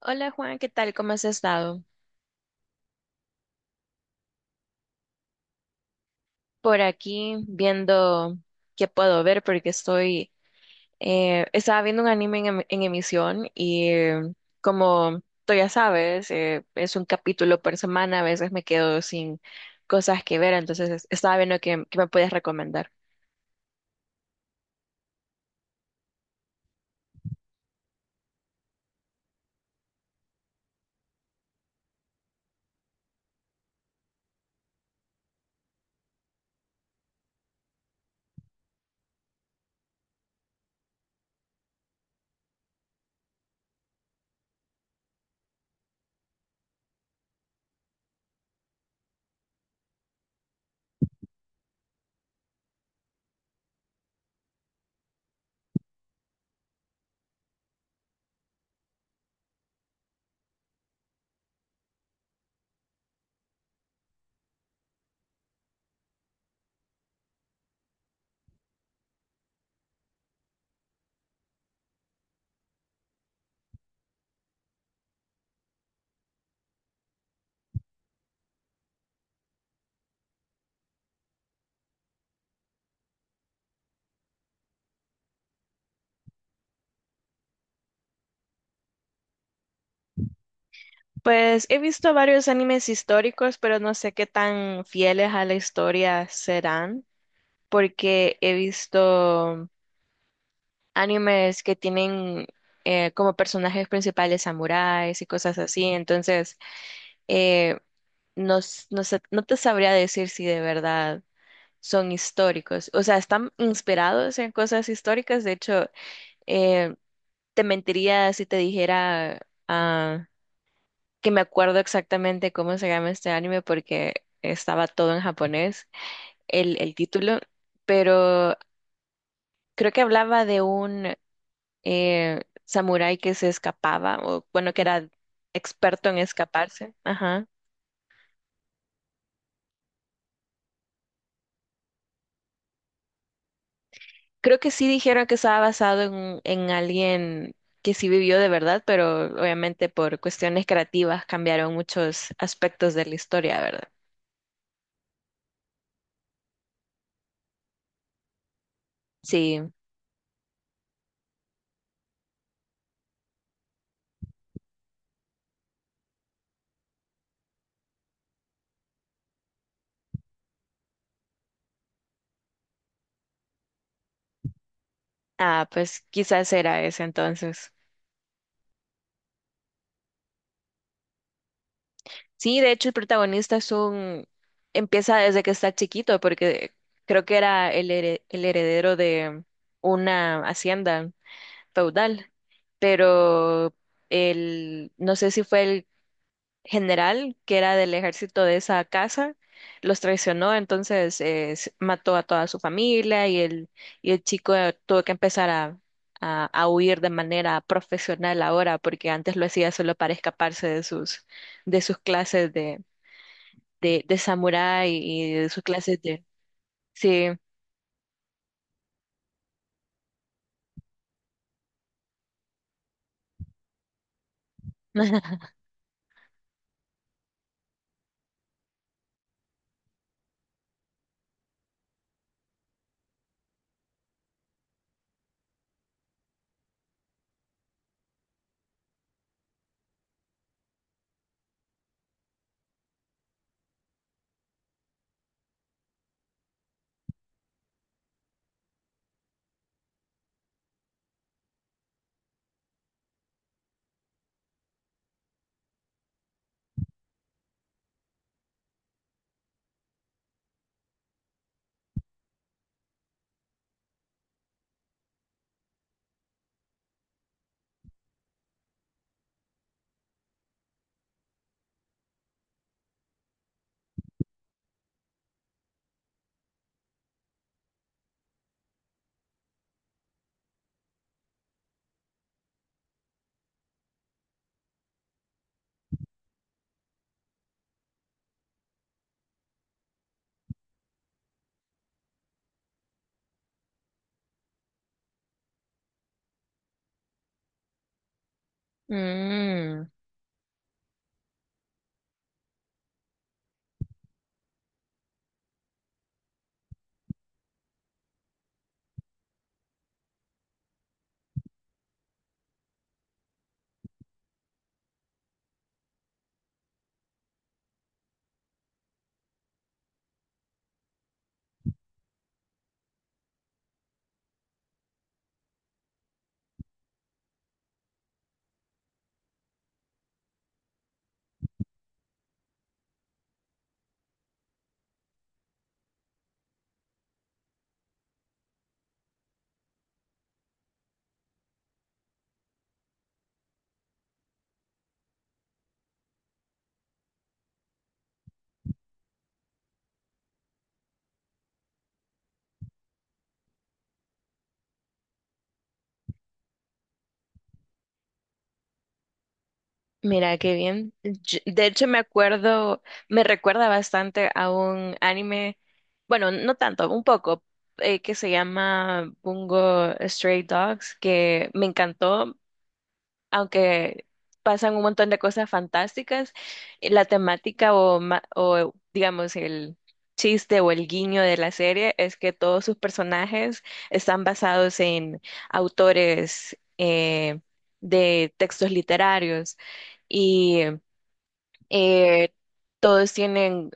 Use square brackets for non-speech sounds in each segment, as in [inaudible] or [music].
Hola Juan, ¿qué tal? ¿Cómo has estado? Por aquí viendo qué puedo ver porque estoy, estaba viendo un anime en emisión y como tú ya sabes, es un capítulo por semana, a veces me quedo sin cosas que ver, entonces estaba viendo qué me puedes recomendar. Pues he visto varios animes históricos, pero no sé qué tan fieles a la historia serán porque he visto animes que tienen como personajes principales samuráis y cosas así. Entonces, eh, no, no te sabría decir si de verdad son históricos. O sea, están inspirados en cosas históricas. De hecho, eh, te mentiría si te dijera ah, que me acuerdo exactamente cómo se llama este anime porque estaba todo en japonés, el título. Pero creo que hablaba de un samurái que se escapaba, o bueno, que era experto en escaparse. Ajá. Creo que sí dijeron que estaba basado en alguien que sí vivió de verdad, pero obviamente por cuestiones creativas cambiaron muchos aspectos de la historia, ¿verdad? Sí. Ah, pues quizás era ese entonces. Sí, de hecho el protagonista es un empieza desde que está chiquito, porque creo que era el heredero de una hacienda feudal, pero el, no sé si fue el general que era del ejército de esa casa, los traicionó, entonces mató a toda su familia y el chico tuvo que empezar a huir de manera profesional ahora, porque antes lo hacía solo para escaparse de sus clases de samurái y de sus clases de... Sí. [laughs] Mm. Mira, qué bien. Yo, de hecho, me acuerdo, me recuerda bastante a un anime, bueno, no tanto, un poco, que se llama Bungo Stray Dogs, que me encantó aunque pasan un montón de cosas fantásticas, la temática o digamos el chiste o el guiño de la serie es que todos sus personajes están basados en autores de textos literarios y eh, todos tienen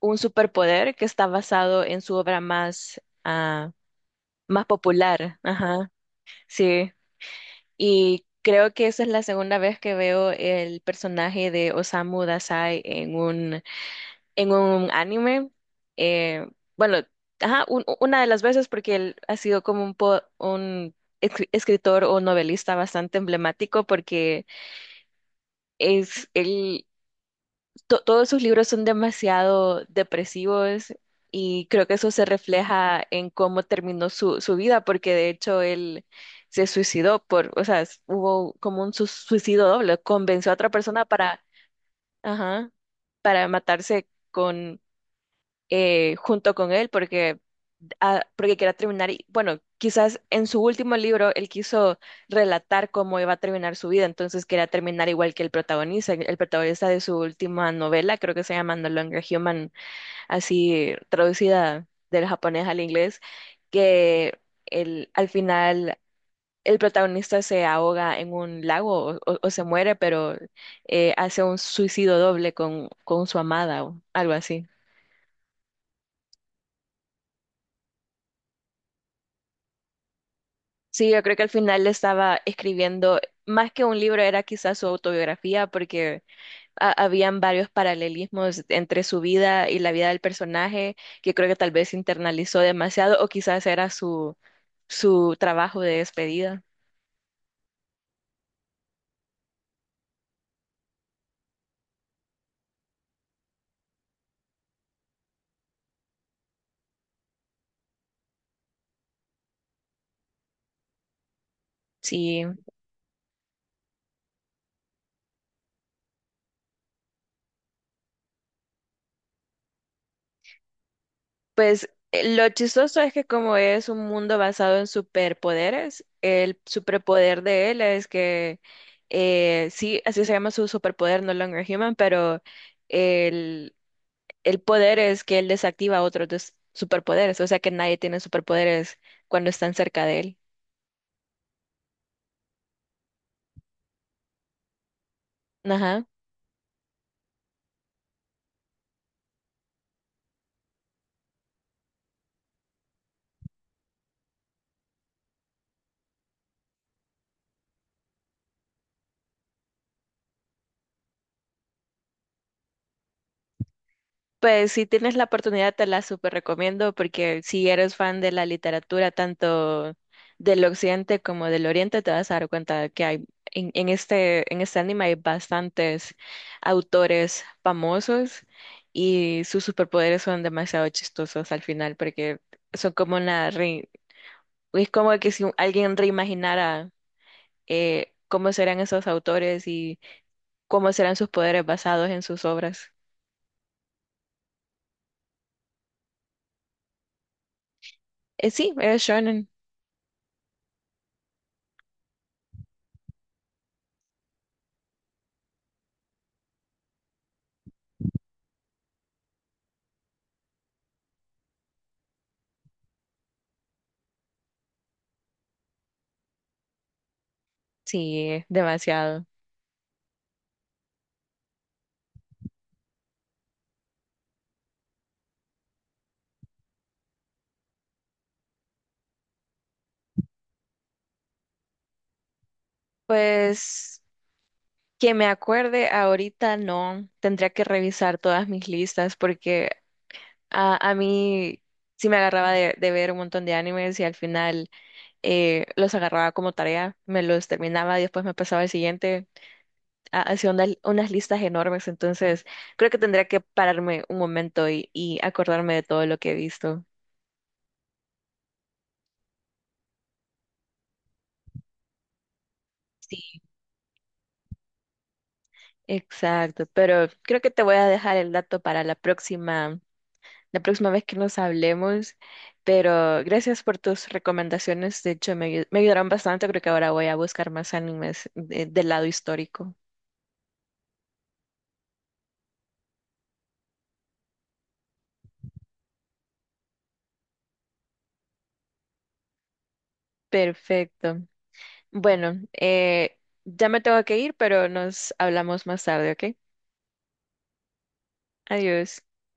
un superpoder que está basado en su obra más popular. Ajá, sí. Y creo que esa es la segunda vez que veo el personaje de Osamu Dazai en un anime. Eh, bueno, una de las veces porque él ha sido como un escritor o novelista bastante emblemático porque es él todos sus libros son demasiado depresivos y creo que eso se refleja en cómo terminó su vida, porque de hecho él se suicidó por, o sea, hubo como un suicidio doble, convenció a otra persona para, ajá, para matarse con junto con él porque, ah, porque quería terminar, y, bueno, quizás en su último libro él quiso relatar cómo iba a terminar su vida, entonces quería terminar igual que el protagonista de su última novela, creo que se llama No Longer Human, así traducida del japonés al inglés, que el, al final... El protagonista se ahoga en un lago o se muere, pero hace un suicidio doble con su amada o algo así. Sí, yo creo que al final estaba escribiendo, más que un libro, era quizás su autobiografía, porque habían varios paralelismos entre su vida y la vida del personaje, que creo que tal vez internalizó demasiado, o quizás era su, su trabajo de despedida. Sí, pues lo chistoso es que como es un mundo basado en superpoderes, el superpoder de él es que, sí, así se llama su superpoder, No Longer Human, pero el poder es que él desactiva otros superpoderes, o sea que nadie tiene superpoderes cuando están cerca de él. Ajá. Pues si tienes la oportunidad te la super recomiendo porque si eres fan de la literatura tanto del occidente como del oriente te vas a dar cuenta que hay en este anime hay bastantes autores famosos y sus superpoderes son demasiado chistosos al final porque son como una es como que si alguien reimaginara cómo serán esos autores y cómo serán sus poderes basados en sus obras. Sí, es shonen. Sí, demasiado. Pues que me acuerde ahorita no, tendría que revisar todas mis listas porque a mí sí me agarraba de ver un montón de animes y al final los agarraba como tarea, me los terminaba y después me pasaba al siguiente. Hacía unas listas enormes, entonces creo que tendría que pararme un momento y acordarme de todo lo que he visto. Sí, exacto, pero creo que te voy a dejar el dato para la próxima vez que nos hablemos, pero gracias por tus recomendaciones, de hecho me ayudaron bastante, creo que ahora voy a buscar más animes del lado histórico. Perfecto. Bueno, ya me tengo que ir, pero nos hablamos más tarde, ¿ok? Adiós.